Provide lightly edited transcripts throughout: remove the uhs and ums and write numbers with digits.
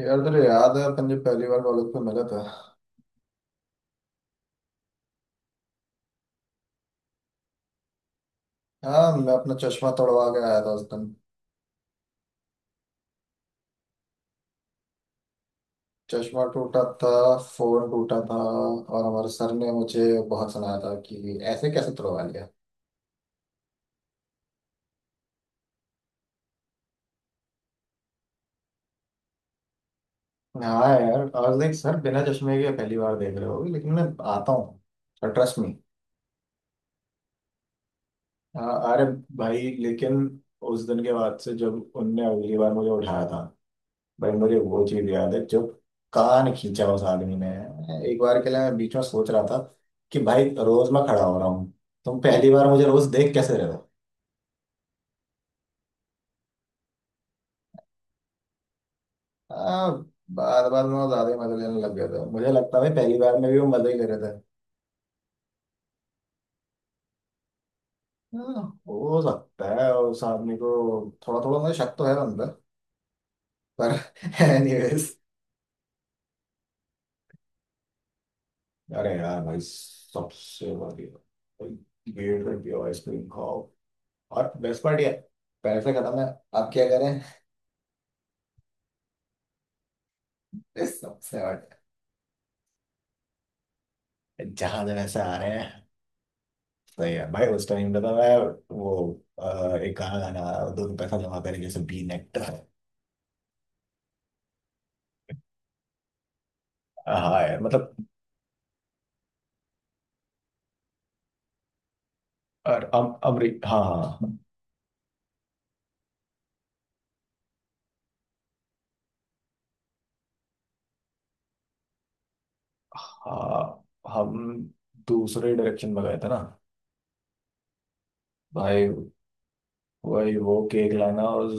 यार तुझे याद है अपन जब पहली बार कॉलेज में मिला था। हाँ, मैं अपना चश्मा तोड़वा के आया था उस दिन। चश्मा टूटा था, फोन टूटा था और हमारे सर ने मुझे बहुत सुनाया था कि ऐसे कैसे तोड़वा लिया। हाँ यार, और देख सर, बिना चश्मे के पहली बार देख रहे हो लेकिन मैं आता हूँ, ट्रस्ट मी। हाँ, अरे भाई लेकिन उस दिन के बाद से जब उनने अगली बार मुझे उठाया था, भाई मुझे वो चीज याद है जो कान खींचा उस आदमी ने। मैं एक बार के लिए, मैं बीच में सोच रहा था कि भाई रोज मैं खड़ा हो रहा हूँ, तुम पहली बार मुझे रोज देख कैसे रहे हो। हाँ, बार बार मैं ज्यादा ही मजे लेने लग गया था। मुझे लगता है भाई पहली बार में भी वो मजे ही ले रहे थे। हाँ, हो सकता है। उस आदमी को थोड़ा थोड़ा मुझे शक तो है, बंदा पर एनीवेज। अरे यार भाई सबसे बढ़िया, गेट पे आइसक्रीम खाओ और बेस्ट पार्टी है। पैसे खत्म है, आप क्या करें। This stuff's not जहां जैसे आ रहे हैं। सही है भाई, उस टाइम पे तो मैं वो एक गाना गाना आया, 2 रुपए का जमा करें जैसे बी नेट। हाँ यार मतलब। और अम अमरी, हाँ हाँ। हाँ, हम दूसरे डायरेक्शन में गए थे ना। भाई वही वो केक लाना और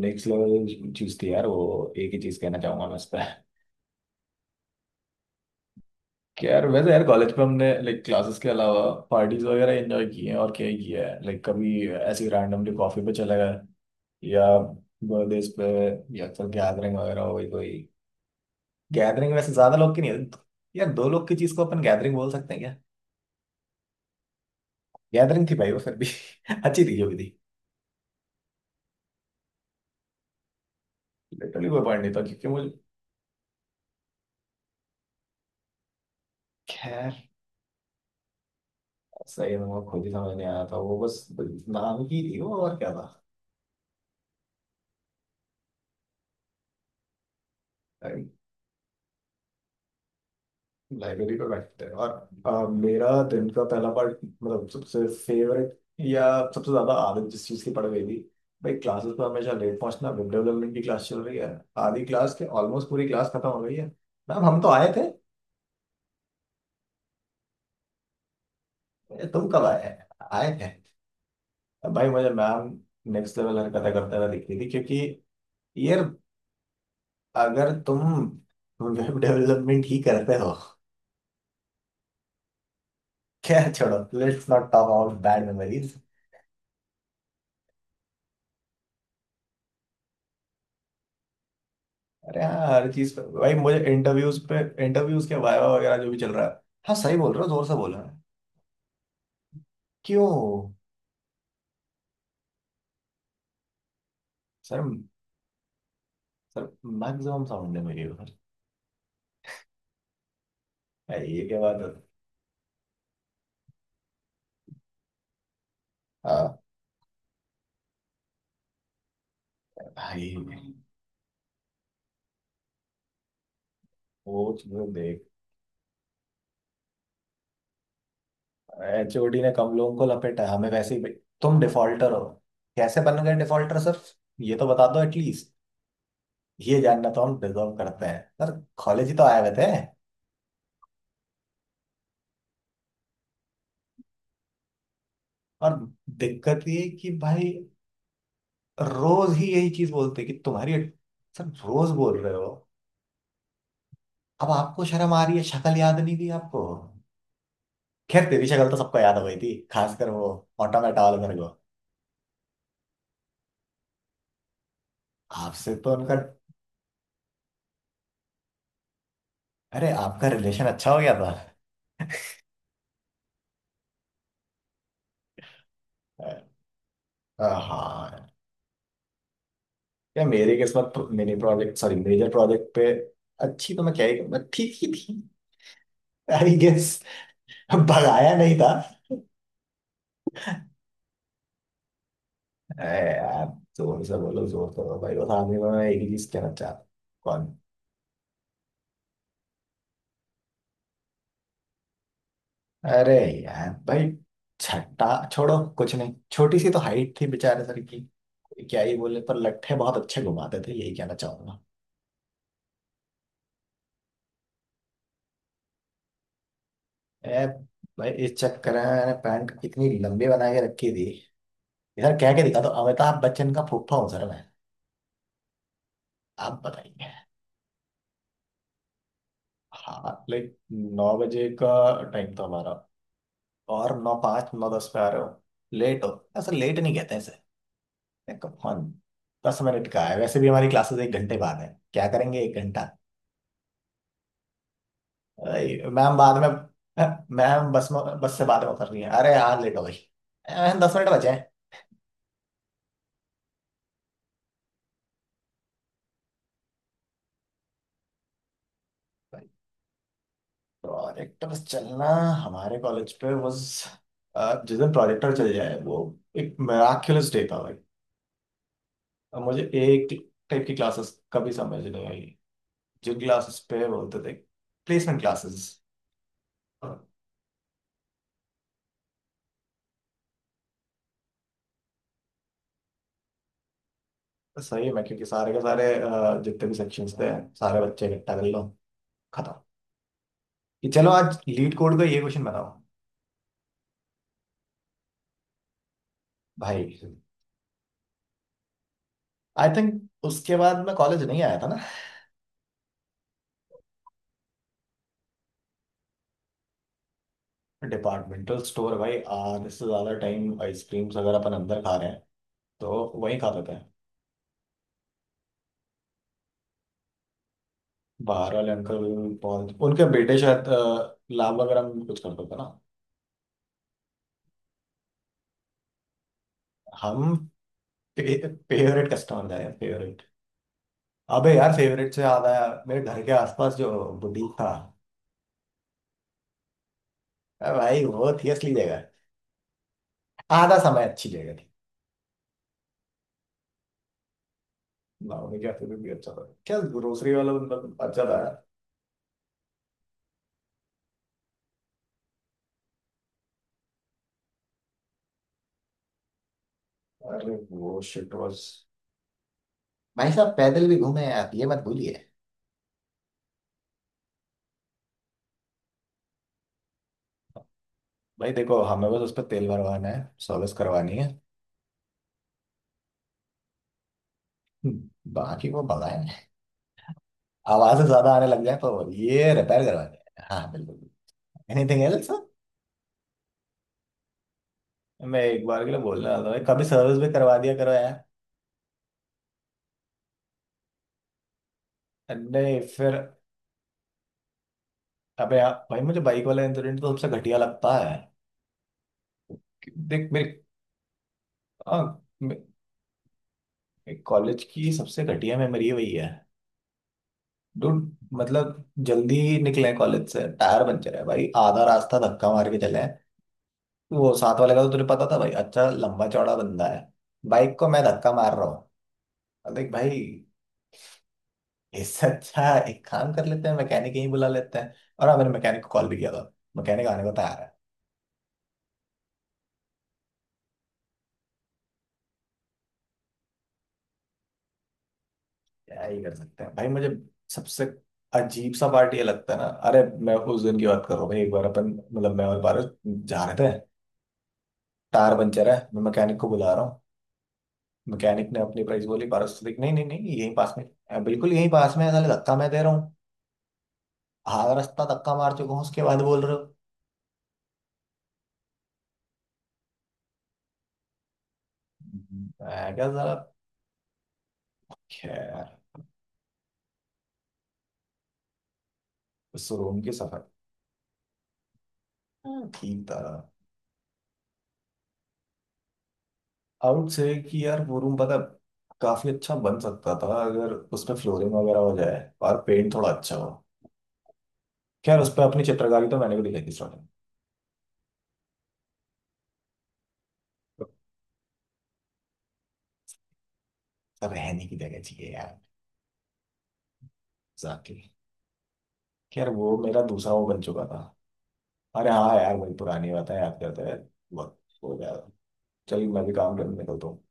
नेक्स्ट लेवल चीज थी यार, वो एक ही चीज कहना चाहूंगा मैं इस पे कि यार, वैसे यार कॉलेज पे हमने लाइक क्लासेस के अलावा पार्टीज वगैरह एंजॉय किए हैं, और क्या ही किया है, लाइक कभी ऐसे रैंडमली कॉफी पे चले गए, या बर्थडेज पे, या तो गैदरिंग वगैरह हो गई कोई। गैदरिंग वैसे ज्यादा लोग की नहीं है। यार दो लोग की चीज को अपन गैदरिंग बोल सकते हैं क्या। गैदरिंग थी भाई वो फिर भी अच्छी थी जो भी थी। लिटरली कोई पॉइंट नहीं था क्योंकि मुझे। खैर, सही में वो खुद ही समझ नहीं आया था, वो बस नाम की थी वो और क्या। था लाइब्रेरी पे बैठते हैं और मेरा दिन का पहला पार्ट, मतलब सबसे फेवरेट, या सबसे ज्यादा आदत जिस चीज की पड़ गई थी, भाई क्लासेस में हमेशा लेट पहुंचना। वेब डेवलपमेंट की क्लास चल रही है, आधी क्लास के ऑलमोस्ट पूरी क्लास खत्म हो गई है। मैम, हम तो आए थे। तुम कब आए, आए थे। अब भाई मुझे मैम नेक्स्ट लेवल हरकतें करते हुए दिख रही थी क्योंकि यार अगर तुम वेब डेवलपमेंट ही करते हो। क्या, छोड़ो, let's not talk about bad memories. अरे हाँ, हर चीज पे भाई मुझे इंटरव्यूज पे, इंटरव्यूज के वायवा वगैरह जो भी चल रहा है। हाँ सही बोल रहे हो, जोर से बोल रहे हो क्यों। सर, सर, मैक्सिमम साउंड है मेरी उधर। भाई, ये क्या बात है। हाँ भाई, सोच वो देख। एचओडी ने कम लोगों को लपेटा है, हमें वैसे ही भाई तुम डिफॉल्टर हो। कैसे बन गए डिफॉल्टर सर। ये तो बता दो एटलीस्ट। ये जानना तो हम डिजर्व करते हैं सर। कॉलेज ही तो आए हुए थे। और दिक्कत ये कि भाई रोज ही यही चीज बोलते कि तुम्हारी। सर रोज बोल रहे हो, अब आपको शर्म आ रही है, शक्ल याद नहीं थी आपको। खैर तेरी शक्ल तो सबको याद हो गई थी, खासकर वो ऑटोमेटा वाले मेरे को। आपसे तो उनका, अरे आपका रिलेशन अच्छा हो गया था। हाँ, या मेरी किस्मत। Mini project, sorry major project पे अच्छी तो मैं क्या ही, मैं ठीक ही थी आई गेस। भगाया नहीं था। अरे यार, जोर से बोलो भाई, वो सामने में मैं एक ही चीज कहना चाहता हूँ। कौन। अरे यार भाई छट्टा, छोड़ो कुछ नहीं, छोटी सी तो हाइट थी बेचारे सर की, क्या ही बोले। पर लट्ठे बहुत अच्छे घुमाते थे, यही कहना चाहूंगा। ए भाई, इस चक्कर में मैंने पैंट इतनी लंबी बना के रखी थी, इधर कह के दिखा दो अमिताभ बच्चन का फूफा हूँ सर मैं। आप बताइए। हाँ लाइक, 9 बजे का टाइम था हमारा, और 9:05, 9:10 पे आ रहे हो, लेट हो। ऐसा लेट नहीं कहते हैं इसे, कम 10 मिनट का है। वैसे भी हमारी क्लासेस 1 घंटे बाद है, क्या करेंगे 1 घंटा। भाई मैम बाद में, मैम बस में, बस से बाद में उतर रही है। अरे यार लेट हो गई, मैम 10 मिनट बचे हैं। प्रोजेक्टर चलना हमारे कॉलेज पे, बस जिस दिन प्रोजेक्टर चल जाए वो एक मिराक्युलस डे था भाई। अब मुझे एक टाइप की क्लासेस कभी समझ नहीं आई, जिन क्लासेस पे बोलते थे प्लेसमेंट क्लासेस। सही है, मैं क्योंकि सारे के सारे जितने भी सेक्शंस थे, सारे बच्चे इकट्ठा कर लो, खत्म। चलो आज लीड कोड का ये क्वेश्चन बनाओ। भाई आई थिंक उसके बाद मैं कॉलेज नहीं आया था ना। डिपार्टमेंटल स्टोर, भाई आधे से ज्यादा टाइम आइसक्रीम्स अगर अपन अंदर खा रहे हैं तो वहीं खाते थे। बाहर वाले अंकल भी बहुत, उनके बेटे शायद लाभ वगैरह में कुछ करते थे ना। हम फेवरेट कस्टमर थे, फेवरेट। अबे यार, फेवरेट से आधा मेरे घर के आसपास जो बुटीक था, भाई वो थी असली जगह। आधा समय अच्छी जगह थी। ना उनके भी अच्छा था क्या ग्रोसरी वाला, मतलब अच्छा था। अरे वो शिट वाज। भाई साहब, पैदल भी घूमे आप, ये मत भूलिए। भाई देखो, हमें बस उस पर तेल भरवाना है, सर्विस करवानी है। बाकी वो भगाए, आवाजें ज्यादा आने लग जाए तो ये रिपेयर करवानी है, हाँ बिल्कुल। Anything else. मैं एक बार के लिए बोलने वाला था भाई, कभी सर्विस भी करवा दिया करो यार। नहीं फिर। अबे यार भाई, मुझे बाइक वाला इंसिडेंट तो सबसे घटिया लगता है। देख मेरी, हाँ, कॉलेज की सबसे घटिया मेमोरी वही है। डूड, मतलब जल्दी निकले कॉलेज से, टायर पंचर है भाई, आधा रास्ता धक्का मार के चले। वो साथ वाले का तो तुझे पता था भाई, अच्छा लंबा चौड़ा बंदा है, बाइक को मैं धक्का मार रहा हूँ। अब देख भाई इससे अच्छा एक काम कर लेते हैं, मैकेनिक ही बुला लेते हैं। और हाँ, मैंने मैकेनिक को कॉल भी किया था, मैकेनिक आने को तैयार है। क्या ही कर सकते हैं भाई मुझे। सबसे अजीब सा पार्ट ये लगता है ना, अरे मैं उस दिन की बात कर रहा हूँ भाई, एक बार अपन, मतलब मैं और पारस जा रहे थे, टायर पंचर है, मैं मैकेनिक को बुला रहा हूँ। मैकेनिक ने अपनी प्राइस बोली, पारस तो देख, नहीं नहीं नहीं, यहीं पास में, बिल्कुल यहीं पास में है, साले, धक्का मैं दे रहा हूँ, आधा रास्ता धक्का मार चुका हूँ, उसके बाद बोल रहे हो। मैं क्या जरा। खैर, उस रूम की सफाई। हाँ, ठीक था। आउट से कि यार वो रूम पता, काफी अच्छा बन सकता था अगर उसमें फ्लोरिंग वगैरह हो जाए और पेंट थोड़ा अच्छा हो। खैर, उस पर अपनी चित्रकारी तो मैंने भी दिखाई थी स्टार्टिंग। रहने की जगह चाहिए यार, जाके। खैर वो मेरा दूसरा वो बन चुका था। अरे हाँ यार, वही पुरानी बात है, याद करते हैं। वक्त हो गया, चलिए मैं भी काम करने निकलता हूँ।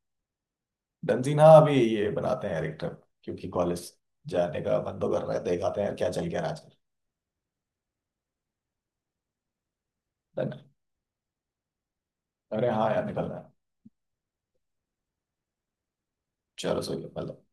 डंजीन, हाँ अभी ये बनाते हैं यार, एक ट्रिप क्योंकि कॉलेज जाने का मन तो कर रहा है, देखाते हैं यार क्या चल गया आज। डन। अरे हाँ यार, निकल रहा है। चलो सही है, निकल रहा है।